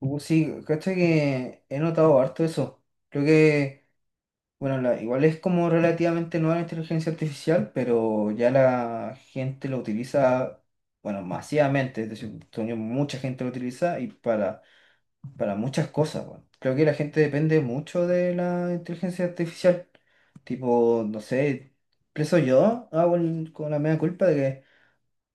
Sí, cacha que he notado harto eso. Creo que, bueno, igual es como relativamente nueva la inteligencia artificial, pero ya la gente lo utiliza, bueno, masivamente. Es decir, todavía mucha gente lo utiliza y para muchas cosas, bueno. Creo que la gente depende mucho de la inteligencia artificial. Tipo, no sé, preso yo hago con la mea culpa de que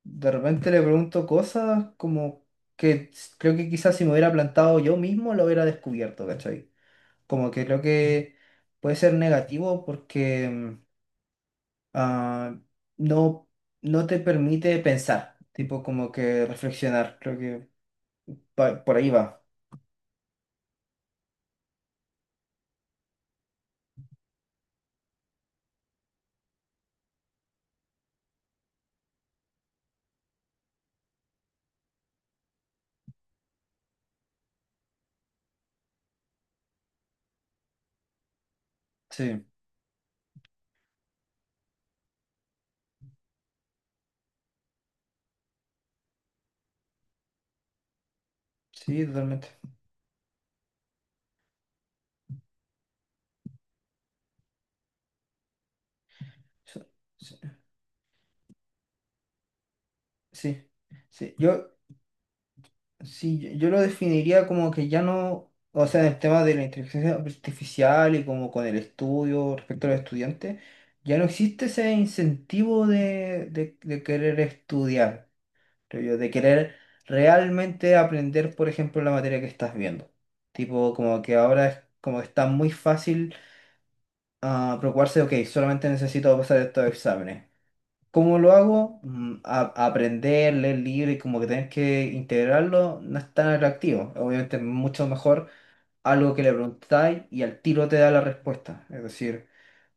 de repente le pregunto cosas como creo que quizás si me hubiera plantado yo mismo lo hubiera descubierto, ¿cachai? Como que creo que puede ser negativo porque ah, no, no te permite pensar, tipo como que reflexionar, creo que por ahí va. Sí, sí, totalmente. So, sí, sí, sí. Sí, yo lo definiría como que ya no, o sea, en el tema de la inteligencia artificial y como con el estudio respecto a los estudiantes, ya no existe ese incentivo de, de querer estudiar, creo yo, de querer realmente aprender, por ejemplo, la materia que estás viendo. Tipo, como que ahora es como que está muy fácil preocuparse, ok, solamente necesito pasar estos exámenes. ¿Cómo lo hago? Mm, aprender, leer libros y como que tener que integrarlo no es tan atractivo. Obviamente es mucho mejor algo que le preguntáis y al tiro te da la respuesta. Es decir,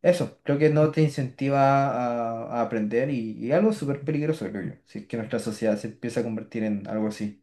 eso, creo que no te incentiva a aprender y algo súper peligroso, creo yo. Si es que nuestra sociedad se empieza a convertir en algo así.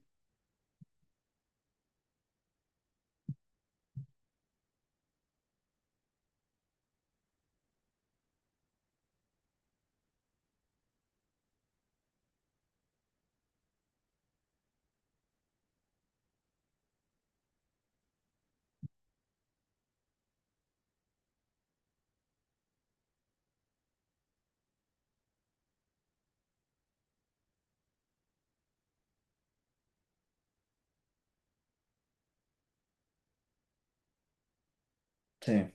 Sí,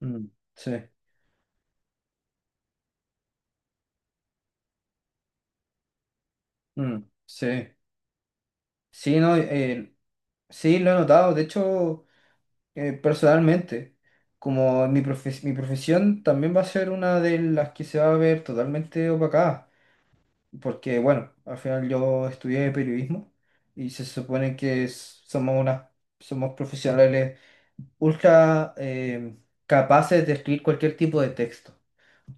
mm, sí, mm, sí. Sí, no, sí, lo he notado. De hecho, personalmente, como mi mi profesión también va a ser una de las que se va a ver totalmente opacada, porque bueno, al final yo estudié periodismo y se supone que somos unas, somos profesionales ultra capaces de escribir cualquier tipo de texto.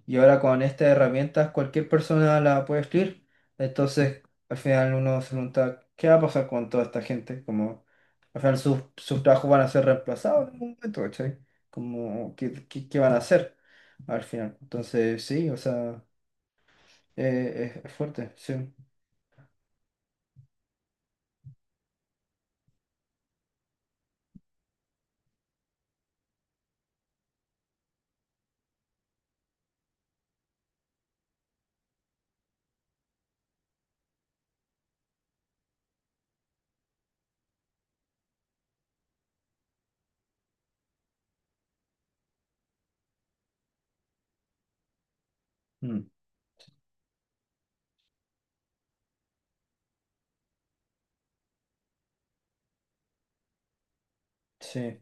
Y ahora con estas herramientas cualquier persona la puede escribir. Entonces, al final uno se pregunta, ¿qué va a pasar con toda esta gente? Como, al final sus trabajos van a ser reemplazados en algún momento, ¿cachai? Como, ¿qué, qué van a hacer al final? Entonces, sí, o sea, es fuerte, sí. Mm, sí,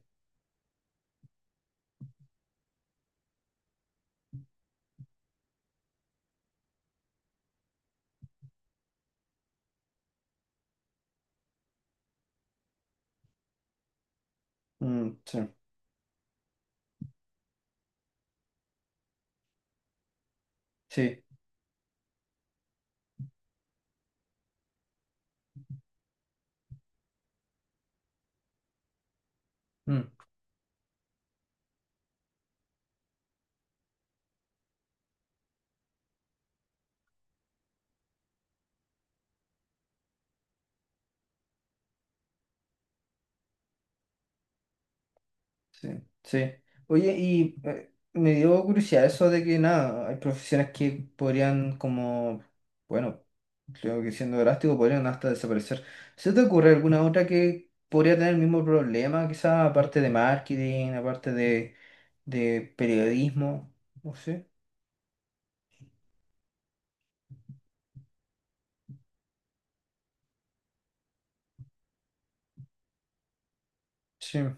mm, sí, sí. Mm. Sí, sí. Oye, y me dio curiosidad eso de que nada, hay profesiones que podrían como, bueno, creo que siendo drástico podrían hasta desaparecer. ¿Se te ocurre alguna otra que podría tener el mismo problema, quizá aparte de marketing, aparte de periodismo? No sé. Sí,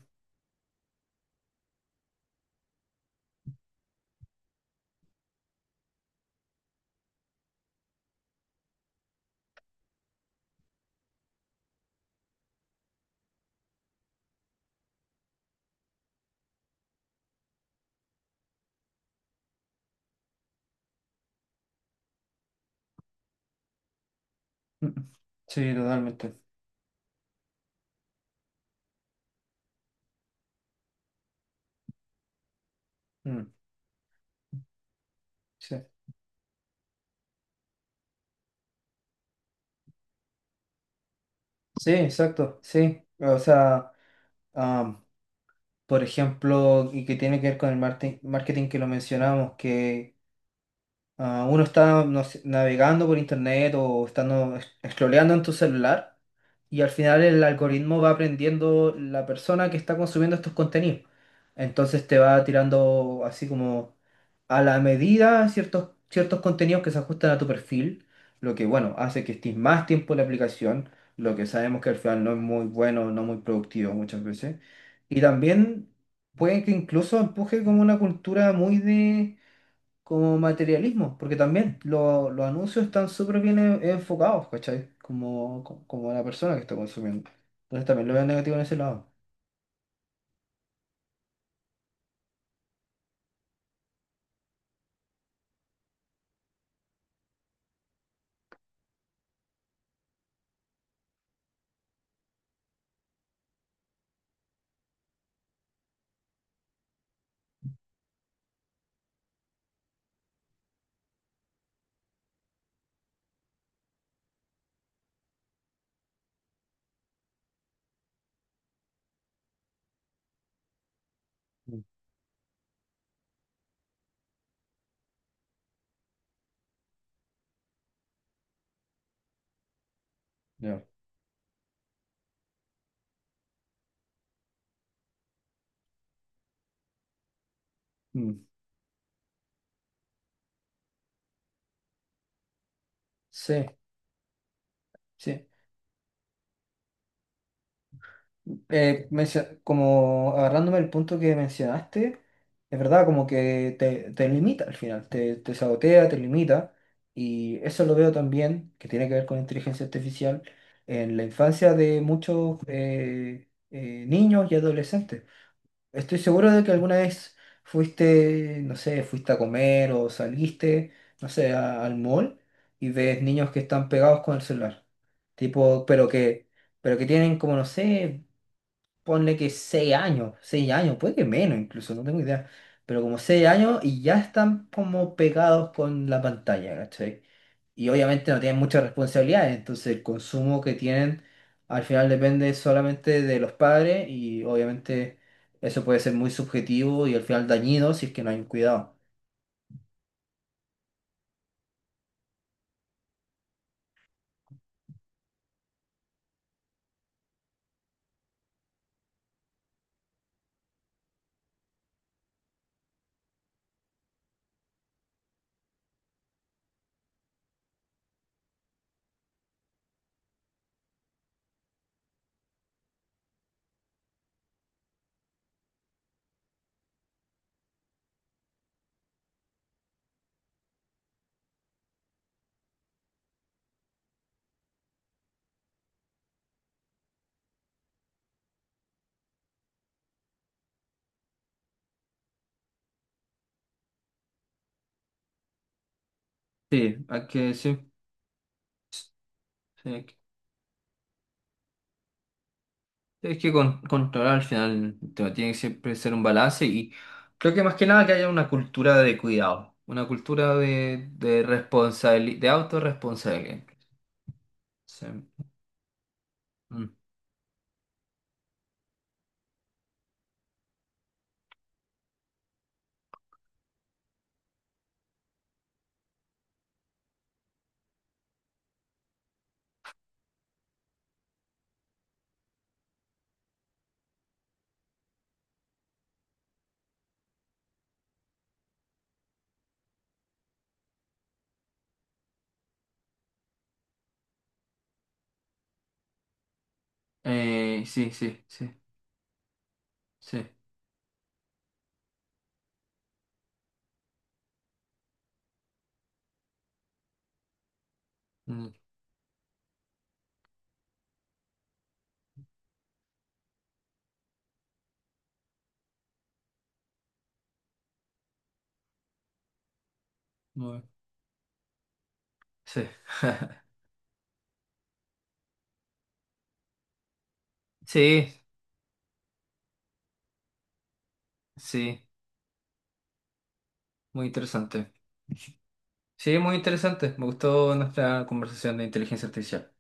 mm, sí, totalmente. Mm, sí. Sí, exacto, sí. O sea, am, por ejemplo, y que tiene que ver con el marketing que lo mencionamos, que ah, uno está no sé, navegando por internet o estando scrolleando en tu celular y al final el algoritmo va aprendiendo la persona que está consumiendo estos contenidos. Entonces te va tirando así como a la medida ciertos contenidos que se ajustan a tu perfil, lo que bueno, hace que estés más tiempo en la aplicación, lo que sabemos que al final no es muy bueno, no muy productivo muchas veces. Y también puede que incluso empuje como una cultura muy de como materialismo, porque también los anuncios están súper bien enfocados, ¿cachai? Como, como la persona que está consumiendo. Entonces también lo veo negativo en ese lado. Mm, ya. Mm. Sí, sí. Como agarrándome el punto que mencionaste, es verdad, como que te limita al final, te sabotea, te limita. Y eso lo veo también, que tiene que ver con inteligencia artificial, en la infancia de muchos niños y adolescentes. Estoy seguro de que alguna vez fuiste, no sé, fuiste a comer o saliste, no sé, al mall y ves niños que están pegados con el celular. Tipo, pero que tienen como, no sé, ponle que seis años, puede que menos incluso, no tengo idea. Pero como seis años y ya están como pegados con la pantalla, ¿cachai? Y obviamente no tienen muchas responsabilidades, entonces el consumo que tienen al final depende solamente de los padres y obviamente eso puede ser muy subjetivo y al final dañino si es que no hay un cuidado. Sí, hay que, sí, sí. Es que con, controlar al final tiene que siempre ser un balance y creo que más que nada que haya una cultura de cuidado, una cultura de responsabilidad, de autorresponsabilidad. Sí, mm. Sí, sí, sí, sí, mm, muy, sí. Sí, sí, muy interesante. Sí, muy interesante. Me gustó nuestra conversación de inteligencia artificial.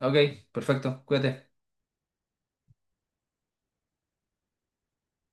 Ok, perfecto, cuídate.